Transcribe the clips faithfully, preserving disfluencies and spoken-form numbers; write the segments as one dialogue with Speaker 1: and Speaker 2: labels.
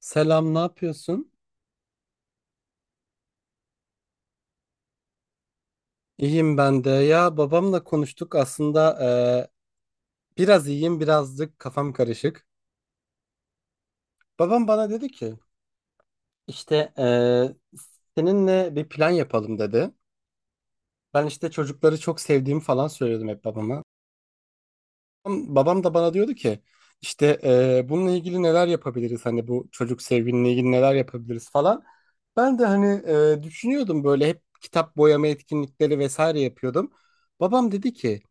Speaker 1: Selam, ne yapıyorsun? İyiyim ben de. Ya babamla konuştuk aslında eee, biraz iyiyim, birazcık kafam karışık. Babam bana dedi ki işte eee, seninle bir plan yapalım dedi. Ben işte çocukları çok sevdiğimi falan söylüyordum hep babama. Babam babam da bana diyordu ki işte eee, bununla ilgili neler yapabiliriz, hani bu çocuk sevginle ilgili neler yapabiliriz falan. Ben de hani eee, düşünüyordum böyle, hep kitap boyama etkinlikleri vesaire yapıyordum. Babam dedi ki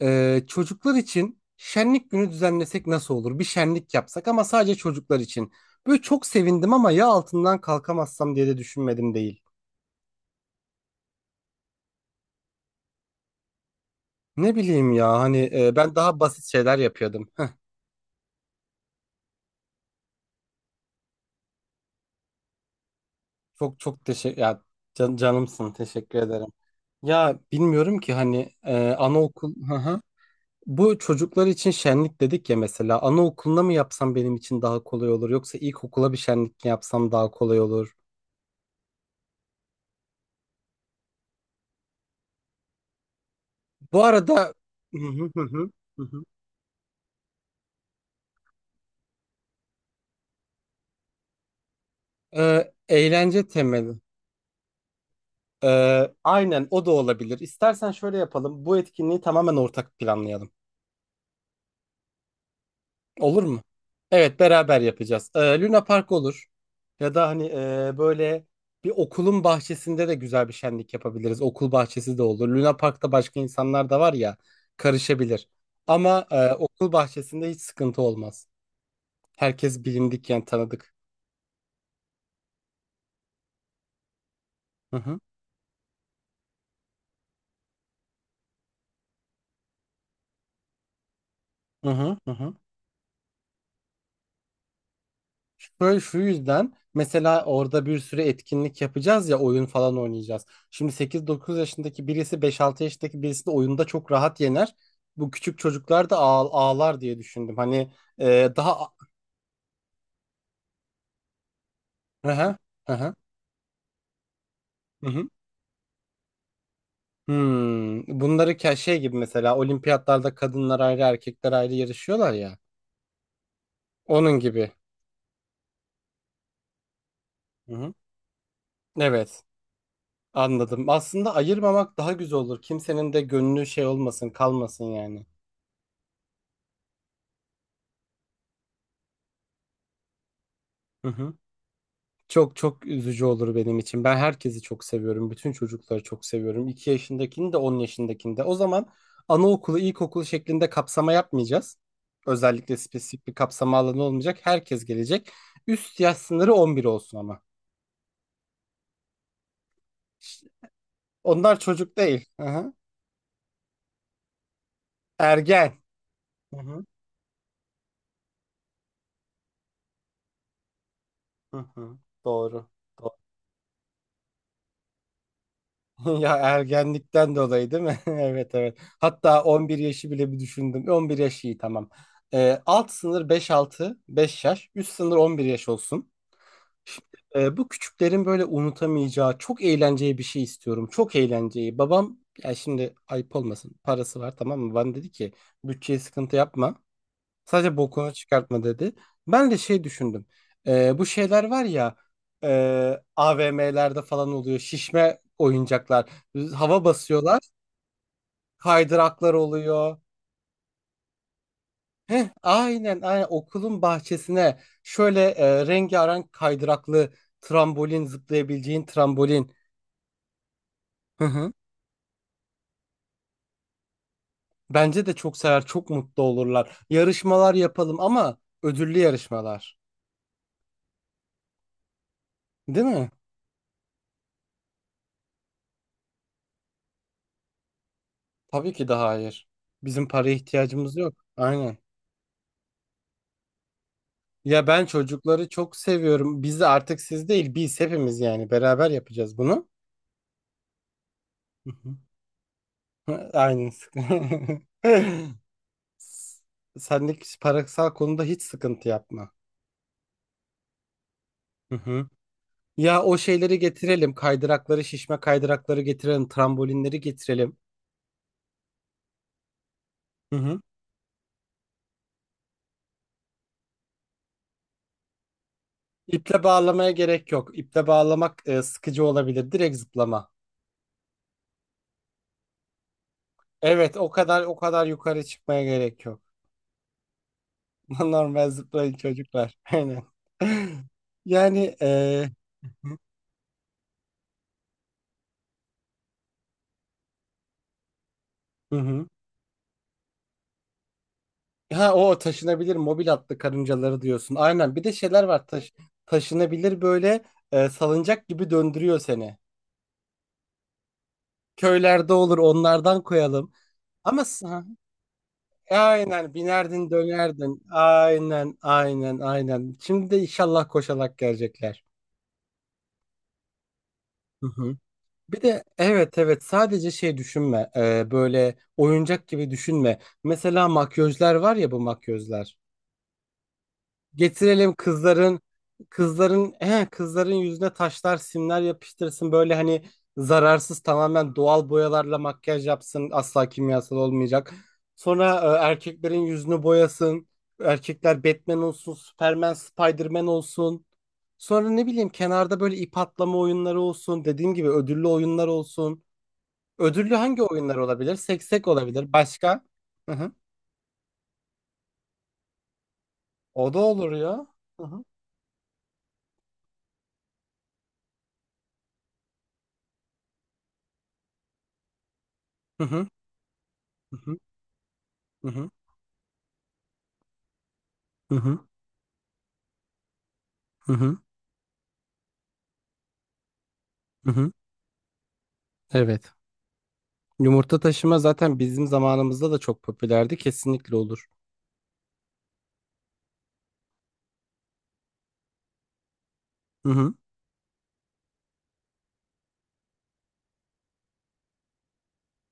Speaker 1: eee, çocuklar için şenlik günü düzenlesek nasıl olur? Bir şenlik yapsak ama sadece çocuklar için. Böyle çok sevindim ama ya altından kalkamazsam diye de düşünmedim değil. Ne bileyim ya, hani eee, ben daha basit şeyler yapıyordum. Çok çok teşekkür ya, can- canımsın, teşekkür ederim. Ya bilmiyorum ki hani e, anaokul, hı hı. Bu çocuklar için şenlik dedik ya, mesela anaokuluna mı yapsam benim için daha kolay olur yoksa ilkokula bir şenlik mi yapsam daha kolay olur. Bu arada. Hı hı hı hı, hı hı. E, eğlence temeli. E, aynen, o da olabilir. İstersen şöyle yapalım. Bu etkinliği tamamen ortak planlayalım. Olur mu? Evet, beraber yapacağız. Ee, Luna Park olur. Ya da hani e, böyle bir okulun bahçesinde de güzel bir şenlik yapabiliriz. Okul bahçesi de olur. Luna Park'ta başka insanlar da var ya, karışabilir. Ama e, okul bahçesinde hiç sıkıntı olmaz. Herkes bilindik, yani tanıdık. Hı hı, hı hı, hı hı. Şöyle şu yüzden, mesela orada bir sürü etkinlik yapacağız ya, oyun falan oynayacağız. Şimdi sekiz dokuz yaşındaki birisi beş altı yaşındaki birisini oyunda çok rahat yener. Bu küçük çocuklar da ağ- ağlar diye düşündüm. Hani e, daha... Hı hı. Hı hı. Hı hı. Hmm. Bunları ke- şey gibi, mesela olimpiyatlarda kadınlar ayrı erkekler ayrı yarışıyorlar ya. Onun gibi. Hı hı. Evet, anladım. Aslında ayırmamak daha güzel olur. Kimsenin de gönlü şey olmasın, kalmasın yani. Hı hı. Çok çok üzücü olur benim için. Ben herkesi çok seviyorum. Bütün çocukları çok seviyorum. iki yaşındakini de on yaşındakini de. O zaman anaokulu, ilkokulu şeklinde kapsama yapmayacağız. Özellikle spesifik bir kapsama alanı olmayacak. Herkes gelecek. Üst yaş sınırı on bir olsun ama. Onlar çocuk değil. Hı hı. Ergen. Hı hı. Hı hı. Doğru. Ya ergenlikten dolayı değil mi? Evet evet. Hatta on bir yaşı bile bir düşündüm. on bir yaş iyi, tamam. Ee, alt sınır beş altı, beş yaş. Üst sınır on bir yaş olsun. Ee, bu küçüklerin böyle unutamayacağı çok eğlenceli bir şey istiyorum. Çok eğlenceli. Babam, ya şimdi ayıp olmasın, parası var, tamam mı? Bana dedi ki bütçeye sıkıntı yapma. Sadece bokunu çıkartma dedi. Ben de şey düşündüm. Ee, bu şeyler var ya, e, A V M'lerde falan oluyor. Şişme oyuncaklar. Hava basıyorlar. Kaydıraklar oluyor. Heh, aynen, aynen okulun bahçesine şöyle e, rengarenk kaydıraklı trambolin, zıplayabileceğin trambolin. Hı hı. Bence de çok sever, çok mutlu olurlar. Yarışmalar yapalım ama ödüllü yarışmalar. Değil mi? Tabii ki de hayır. Bizim paraya ihtiyacımız yok. Aynen. Ya ben çocukları çok seviyorum. Biz de artık siz değil, biz hepimiz, yani beraber yapacağız bunu. Hı hı. Aynen. Sendeki parasal konuda hiç sıkıntı yapma. Hı hı. Ya o şeyleri getirelim. Kaydırakları, şişme kaydırakları getirelim. Trambolinleri getirelim. Hı hı. İple bağlamaya gerek yok. İple bağlamak e, sıkıcı olabilir. Direkt zıplama. Evet, o kadar o kadar yukarı çıkmaya gerek yok. Normal zıplayın çocuklar. Aynen. Yani eee, hı hı. Ha, o taşınabilir mobil atlı karıncaları diyorsun. Aynen. Bir de şeyler var, taş taşınabilir böyle e, salıncak gibi döndürüyor seni. Köylerde olur, onlardan koyalım. Ama s- ha, aynen binerdin dönerdin. Aynen aynen aynen. Şimdi de inşallah koşarak gelecekler. Bir de evet evet, sadece şey düşünme. Ee, böyle oyuncak gibi düşünme. Mesela makyözler var ya, bu makyözler. Getirelim, kızların kızların he, kızların yüzüne taşlar, simler yapıştırsın, böyle hani zararsız, tamamen doğal boyalarla makyaj yapsın, asla kimyasal olmayacak. Sonra e, erkeklerin yüzünü boyasın. Erkekler Batman olsun, Superman, Spiderman olsun. Sonra ne bileyim, kenarda böyle ip atlama oyunları olsun. Dediğim gibi ödüllü oyunlar olsun. Ödüllü hangi oyunlar olabilir? Seksek olabilir. Başka? Hı hı. O da olur ya. Hı hı. Hı hı. Hı hı. Hı hı. Hı hı. Hı hı. Evet. Yumurta taşıma zaten bizim zamanımızda da çok popülerdi. Kesinlikle olur. Hı hı.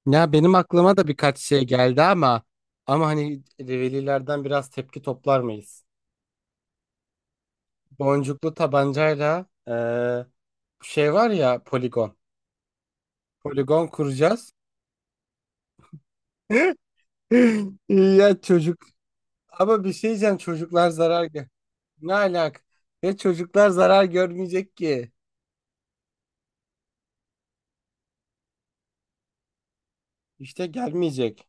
Speaker 1: Ya benim aklıma da birkaç şey geldi ama, ama hani velilerden biraz tepki toplar mıyız? Boncuklu tabancayla eee, şey var ya, poligon. Poligon kuracağız. Ya çocuk. Ama bir şey diyeceğim, çocuklar zarar gör. Ne alak? Ve çocuklar zarar görmeyecek ki. İşte gelmeyecek.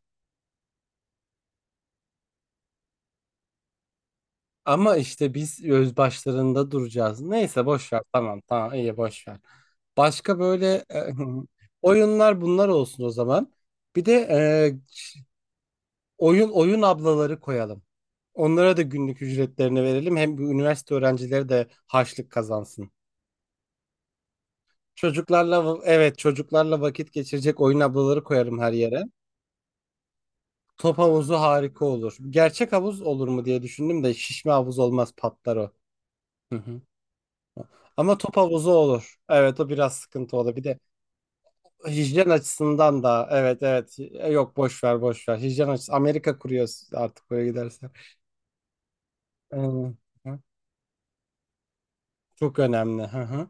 Speaker 1: Ama işte biz öz başlarında duracağız. Neyse, boş ver. Tamam tamam, iyi, boş ver. Başka böyle e, oyunlar bunlar olsun o zaman. Bir de e, oyun oyun ablaları koyalım. Onlara da günlük ücretlerini verelim. Hem bu üniversite öğrencileri de harçlık kazansın. Çocuklarla, evet, çocuklarla vakit geçirecek oyun ablaları koyarım her yere. Top havuzu harika olur. Gerçek havuz olur mu diye düşündüm de şişme havuz olmaz, patlar o. Hı hı. Ama top havuzu olur. Evet, o biraz sıkıntı olur. Bir de hijyen açısından da, evet evet. E, yok boş ver, boş ver. Hijyen açısı Amerika kuruyor artık böyle gidersen. Ee, hı. Çok önemli. Hı hı.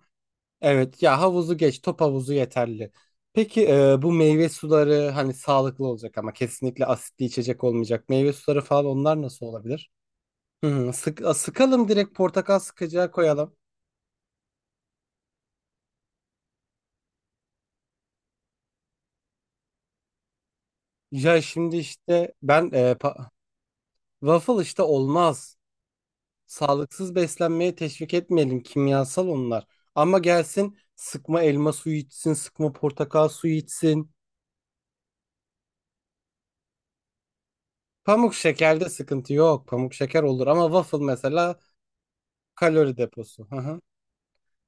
Speaker 1: Evet ya, havuzu geç, top havuzu yeterli. Peki e, bu meyve suları hani sağlıklı olacak ama kesinlikle asitli içecek olmayacak. Meyve suları falan, onlar nasıl olabilir? Hı, sık, a, sıkalım direkt, portakal sıkacağı koyalım. Ya şimdi işte ben e, pa- waffle işte olmaz. Sağlıksız beslenmeye teşvik etmeyelim. Kimyasal onlar. Ama gelsin sıkma elma suyu içsin, sıkma portakal suyu içsin. Pamuk şekerde sıkıntı yok. Pamuk şeker olur ama waffle mesela kalori deposu. Hı hı.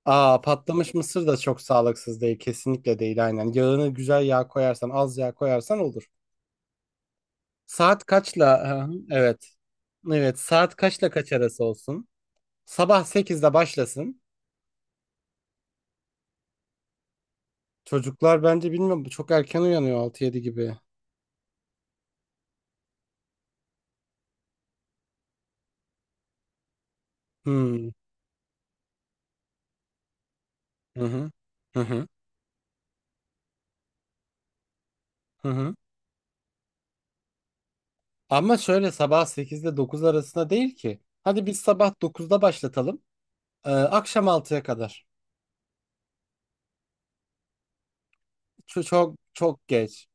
Speaker 1: Aa, patlamış mısır da çok sağlıksız değil. Kesinlikle değil, aynen. Yağını güzel yağ koyarsan, az yağ koyarsan olur. Saat kaçla? Hı hı. Evet. Evet, saat kaçla kaç arası olsun? Sabah sekizde başlasın. Çocuklar bence, bilmiyorum, çok erken uyanıyor altı yedi gibi. Hmm. Hı hı. Hı hı. Hı hı. Ama şöyle, sabah sekizde dokuz arasında değil ki. Hadi biz sabah dokuzda başlatalım. Ee, akşam altıya kadar. Çok çok çok geç.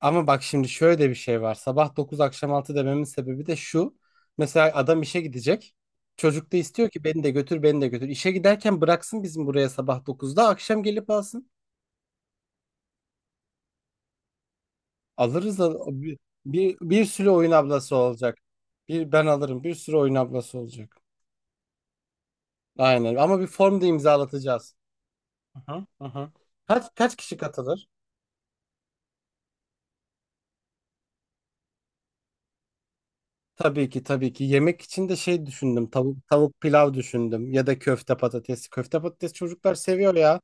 Speaker 1: Ama bak şimdi şöyle bir şey var. Sabah dokuz akşam altı dememin sebebi de şu. Mesela adam işe gidecek. Çocuk da istiyor ki beni de götür, beni de götür. İşe giderken bıraksın bizim buraya sabah dokuzda, akşam gelip alsın. Alırız al- bir, bir, bir sürü oyun ablası olacak. Bir ben alırım, bir sürü oyun ablası olacak. Aynen. Ama bir form da imzalatacağız. Aha, aha. Kaç kaç kişi katılır? Tabii ki, tabii ki. Yemek için de şey düşündüm. Tavuk tavuk pilav düşündüm ya da köfte patates. Köfte patates çocuklar seviyor ya.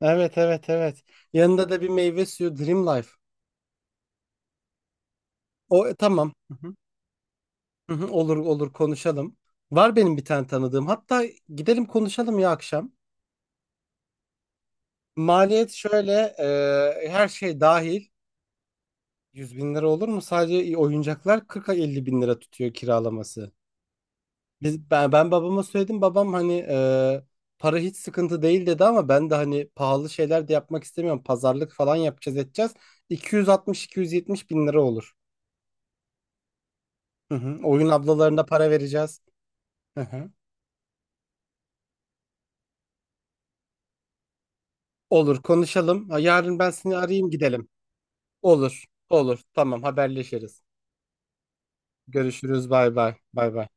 Speaker 1: Evet evet evet. Yanında da bir meyve suyu, Dream Life. O e, tamam. Hı hı. Hı hı. Olur olur, konuşalım. Var benim bir tane tanıdığım. Hatta gidelim konuşalım ya akşam. Maliyet şöyle, e, her şey dahil yüz bin lira olur mu? Sadece oyuncaklar kırk elli bin lira tutuyor kiralaması. Biz, ben, ben babama söyledim. Babam hani e, para hiç sıkıntı değil dedi ama ben de hani pahalı şeyler de yapmak istemiyorum. Pazarlık falan yapacağız, edeceğiz. iki yüz altmış iki yüz yetmiş bin lira olur. Hı hı. Oyun ablalarına para vereceğiz. Hı hı. Olur konuşalım. Ha, yarın ben seni arayayım, gidelim. Olur. Olur. Tamam, haberleşiriz. Görüşürüz. Bay bay. Bay bay.